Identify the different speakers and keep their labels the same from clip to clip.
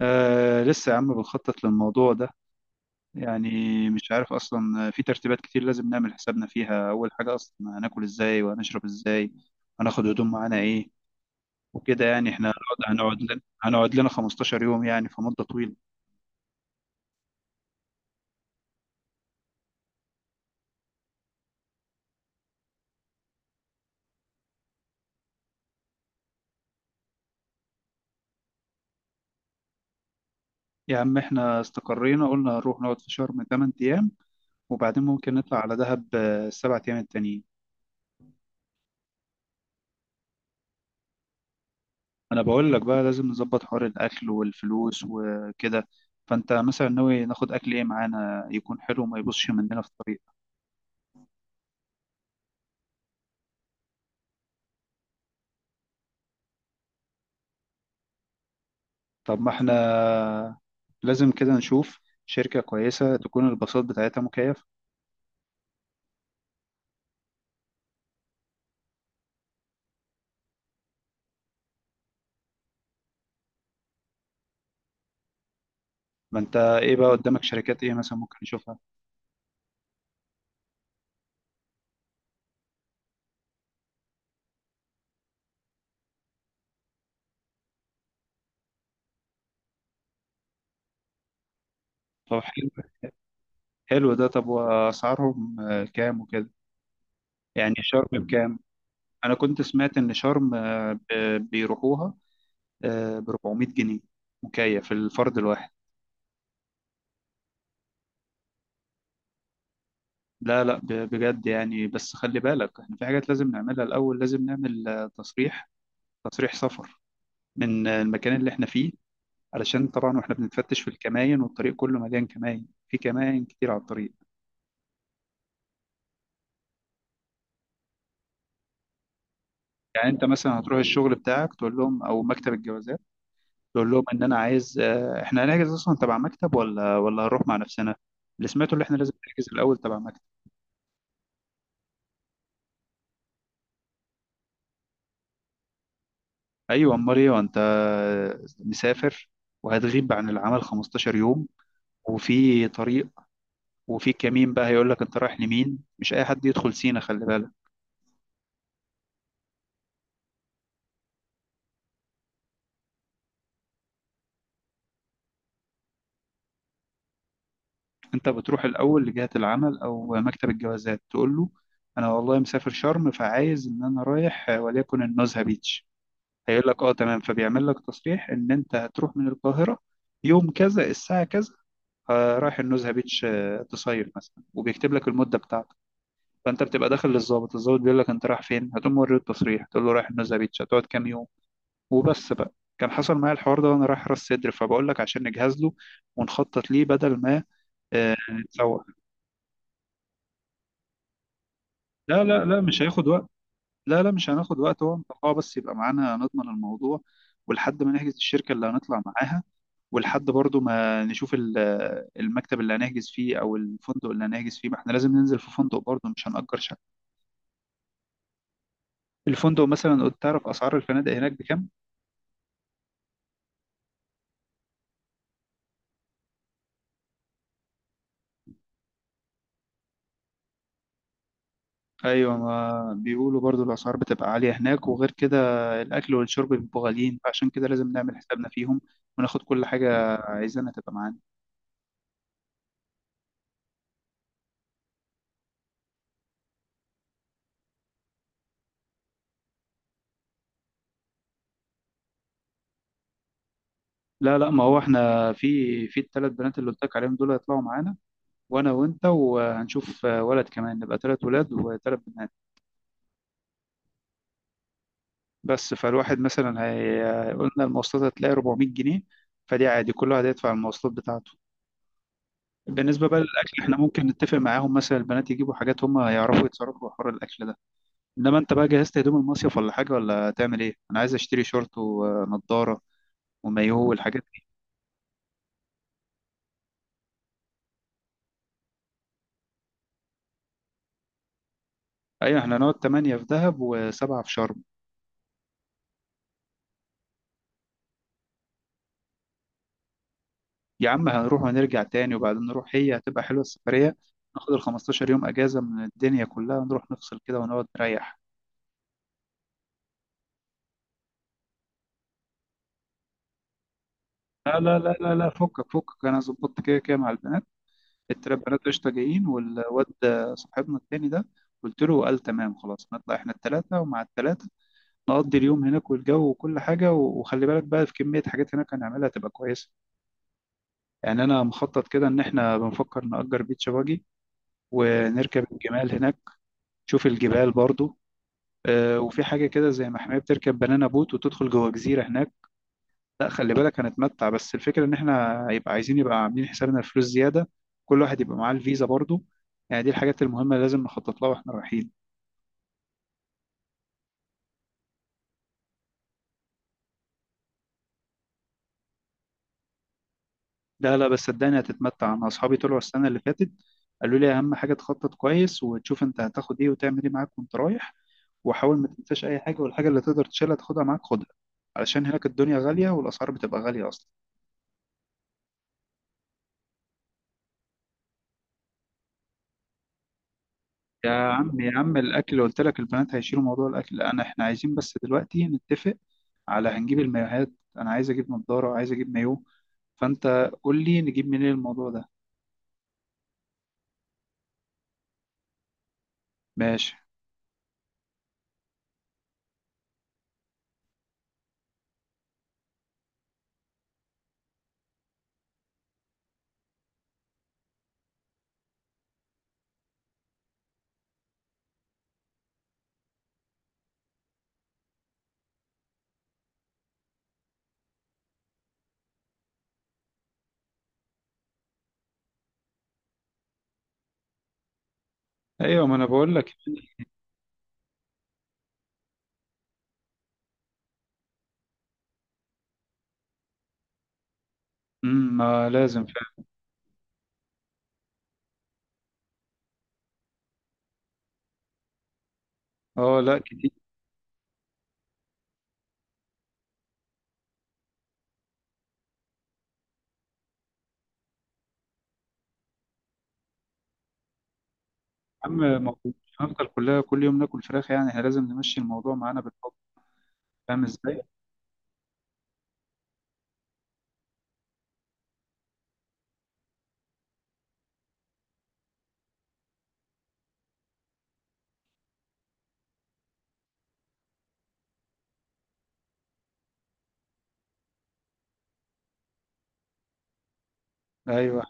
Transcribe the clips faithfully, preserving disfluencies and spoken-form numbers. Speaker 1: آه لسه يا عم بنخطط للموضوع ده. يعني مش عارف أصلا، في ترتيبات كتير لازم نعمل حسابنا فيها. أول حاجة أصلا، هناكل إزاي وهنشرب إزاي؟ هناخد هدوم معانا إيه؟ وكده يعني إحنا هنقعد هنقعد لنا هنقعد لنا 15 يوم، يعني في مدة طويلة. يا عم إحنا استقرينا، قلنا هنروح نقعد في شرم 8 أيام، وبعدين ممكن نطلع على دهب آه، السبع أيام التانيين. أنا بقول لك بقى لازم نظبط حوار الأكل والفلوس وكده. فأنت مثلا ناوي ناخد أكل إيه معانا، يكون حلو وما يبصش مننا في الطريق؟ طب ما احنا لازم كده نشوف شركة كويسة تكون الباصات بتاعتها مكيفة. ما انت ايه بقى قدامك شركات ايه مثلا ممكن نشوفها؟ طب حلو. حلو ده. طب واسعارهم آه، كام وكده؟ يعني شرم بكام؟ انا كنت سمعت ان شرم آه، ب- بيروحوها ب أربعمائة جنيه، مكيف، الفرد الواحد. لا لا، ب- بجد يعني. بس خلي بالك احنا في حاجات لازم نعملها الاول. لازم نعمل آه، تصريح، تصريح سفر من آه، المكان اللي احنا فيه، علشان طبعا واحنا بنتفتش في الكماين، والطريق كله مليان كماين، في كماين كتير على الطريق. يعني انت مثلا هتروح الشغل بتاعك تقول لهم او مكتب الجوازات، تقول لهم ان انا عايز آه، احنا هنحجز اصلا تبع مكتب ولا ولا هنروح مع نفسنا. اللي سمعته اللي احنا لازم نحجز الاول تبع مكتب. ايوه، امال ايه؟ وانت مسافر وهتغيب عن العمل 15 يوم، وفي طريق، وفي كمين بقى هيقول لك انت رايح لمين، مش اي حد يدخل سينا خلي بالك. انت بتروح الاول لجهه العمل او مكتب الجوازات، تقول له انا والله مسافر شرم، فعايز ان انا رايح آه، وليكن النزهه بيتش. هيقول لك اه تمام، فبيعمل لك تصريح ان انت هتروح من القاهره يوم كذا الساعه كذا، آه، رايح النزهه بيتش آه، تصيف مثلا، وبيكتب لك المده بتاعتك. فانت بتبقى داخل للظابط، الظابط بيقول لك انت رايح فين، هتقوم موري التصريح تقول له رايح النزهه بيتش، هتقعد كام يوم، وبس بقى. كان حصل معايا الحوار ده وانا رايح راس سدر، فبقول لك عشان نجهز له ونخطط ليه بدل ما آه، نتسوق. لا لا لا، مش هياخد وقت. لا لا، مش هناخد وقت، هو انطباع بس يبقى معانا نضمن الموضوع، ولحد ما نحجز الشركة اللي هنطلع معاها، ولحد برضو ما نشوف ال- المكتب اللي هنحجز فيه او الفندق اللي هنحجز فيه. ما احنا لازم ننزل في فندق برضو، مش هنأجر شقة. الفندق مثلا، قلت تعرف اسعار الفنادق هناك بكام؟ ايوه، ما بيقولوا برضو الاسعار بتبقى عالية هناك، وغير كده الاكل والشرب بيبقوا غاليين، فعشان كده لازم نعمل حسابنا فيهم وناخد كل حاجة عايزينها تبقى معانا. لا لا، ما هو احنا في في الثلاث بنات اللي قلت لك عليهم دول هيطلعوا معانا، وانا وانت، وهنشوف ولد كمان نبقى ثلاث ولاد وثلاث بنات. بس فالواحد مثلا هي، قلنا المواصلات هتلاقي أربعمائة جنيه، فدي عادي كل واحد هيدفع المواصلات بتاعته. بالنسبة بقى للأكل، احنا ممكن نتفق معاهم مثلا البنات يجيبوا حاجات، هم يعرفوا يتصرفوا في حوار الأكل ده. إنما أنت بقى جهزت هدوم المصيف ولا حاجة، ولا هتعمل إيه؟ أنا عايز أشتري شورت ونضارة ومايوه والحاجات دي. أيوة احنا هنقعد تمانية في دهب وسبعة في شرم. يا عم هنروح ونرجع تاني وبعدين نروح، هي هتبقى حلوة السفرية. ناخد ال 15 يوم أجازة من الدنيا كلها، نروح نفصل كده ونقعد نريح. لا لا لا لا لا، فكك فكك. أنا ظبطت كده كده مع البنات. التلات بنات قشطة جايين، والواد صاحبنا التاني ده قلت له قال تمام. خلاص نطلع احنا التلاتة، ومع التلاتة نقضي اليوم هناك، والجو وكل حاجة. و- وخلي بالك بقى في كمية حاجات هناك هنعملها تبقى كويسة. يعني أنا مخطط كده إن احنا بنفكر نأجر بيتش باجي، ونركب الجمال هناك، نشوف الجبال برضو. آه، وفي حاجة كده زي محمية، بتركب بنانا بوت وتدخل جوه جزيرة هناك. لا خلي بالك هنتمتع، بس الفكرة إن إحنا يبقى عايزين، يبقى عاملين حسابنا الفلوس زيادة، كل واحد يبقى معاه الفيزا برضو. يعني دي الحاجات المهمة اللي لازم نخطط لها وإحنا رايحين. لا لا، بس صدقني هتتمتع. أنا أصحابي طلعوا السنة اللي فاتت، قالوا لي أهم حاجة تخطط كويس، وتشوف أنت هتاخد إيه وتعمل إيه معاك وأنت رايح. وحاول ما تنساش أي حاجة، والحاجة اللي تقدر تشيلها تاخدها معاك خدها، علشان هناك الدنيا غالية والأسعار بتبقى غالية أصلا. يا عم يا عم، الاكل قلت لك البنات هيشيلوا موضوع الاكل. انا احنا عايزين بس دلوقتي نتفق على هنجيب المايوهات. انا عايز اجيب نضاره، عايز اجيب مايو. فانت قول لي نجيب منين الموضوع ده. ماشي. ايوه، ما انا بقول لك. امم ما لازم فعلا. اه لا، كتير يا عم. ما هو مش هنفضل كلها كل يوم ناكل فراخ يعني، احنا لازم نمشي الموضوع معانا بالحب، فاهم ازاي؟ ايوه.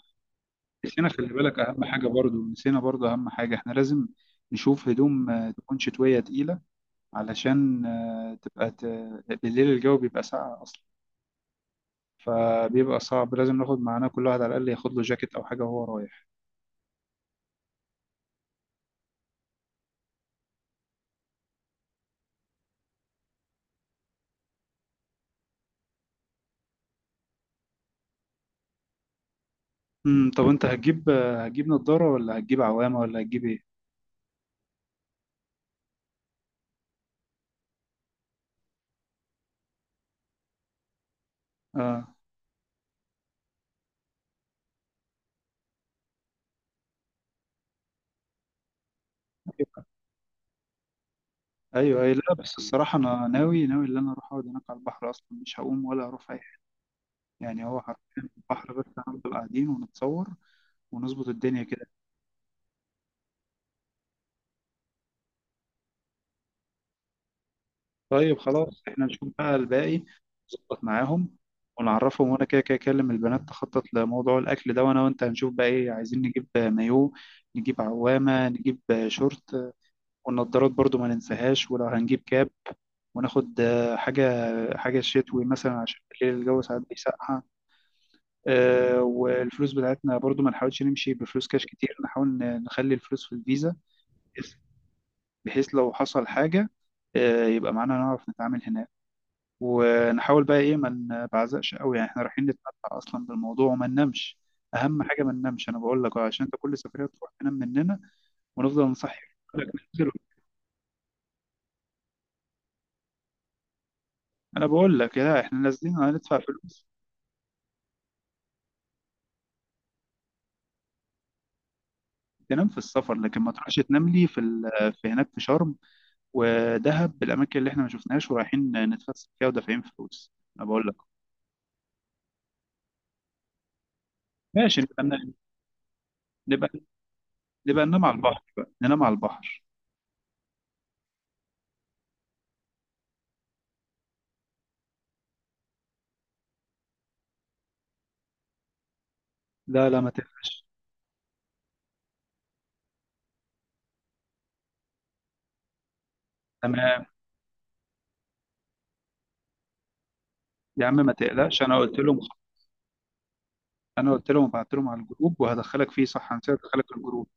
Speaker 1: نسينا، خلي بالك اهم حاجه برضو. نسينا برضو اهم حاجه، احنا لازم نشوف هدوم آه، تكون شتويه تقيله، علشان آه، تبقى ت... بالليل الجو بيبقى ساقع أصلا، فبيبقى صعب. لازم ناخد معانا كل واحد على الأقل ياخد له جاكيت أو حاجة وهو رايح. امم طب أنت هتجيب آه، هتجيب نضارة، ولا هتجيب عوامة، ولا هتجيب إيه؟ آه. أيوه أيوه، لا بس الصراحة أنا ناوي ناوي إن أنا أروح أقعد هناك على البحر أصلا، مش هقوم ولا هروح أي حاجة. يعني هو حرفيا البحر بس، هنفضل قاعدين ونتصور ونظبط الدنيا كده. طيب خلاص، احنا نشوف بقى الباقي، نظبط معاهم ونعرفهم. وانا كده كده اكلم البنات تخطط لموضوع الاكل ده. وانا وانت هنشوف بقى ايه، عايزين نجيب مايو، نجيب عوامة، نجيب شورت، والنضارات برضو ما ننساهاش. ولو هنجيب كاب، وناخد آه، حاجة، حاجة شتوي مثلا عشان بالليل الجو ساعات بيسقع. آه، والفلوس بتاعتنا برضو ما نحاولش نمشي بفلوس كاش كتير، نحاول ن- نخلي الفلوس في الفيزا، بحيث بحيث لو حصل حاجة آه، يبقى معانا نعرف نتعامل هناك. ونحاول بقى ايه ما نبعزقش قوي، يعني احنا رايحين نتمتع اصلا بالموضوع، وما ننامش. اهم حاجه ما ننامش، انا بقول لك اه عشان انت كل سفريه تروح تنام مننا ونفضل نصحي. يقول لك ننزل، انا بقول لك لا احنا نازلين هندفع فلوس. تنام في السفر، لكن ما تروحش تنام لي في ال... في هناك، في شرم ودهب، الاماكن اللي احنا ما شفناهاش ورايحين نتفسح فيها ودافعين فلوس. انا بقول لك ماشي، نبقى ننام. نبقى نبقى ننام على البحر. بقى ننام على البحر. لا لا، ما تقلقش. تمام. يا عم ما تقلقش، انا قلت لهم. انا قلت لهم، بعت لهم على الجروب وهدخلك فيه. صح، هنسيت ادخلك الجروب.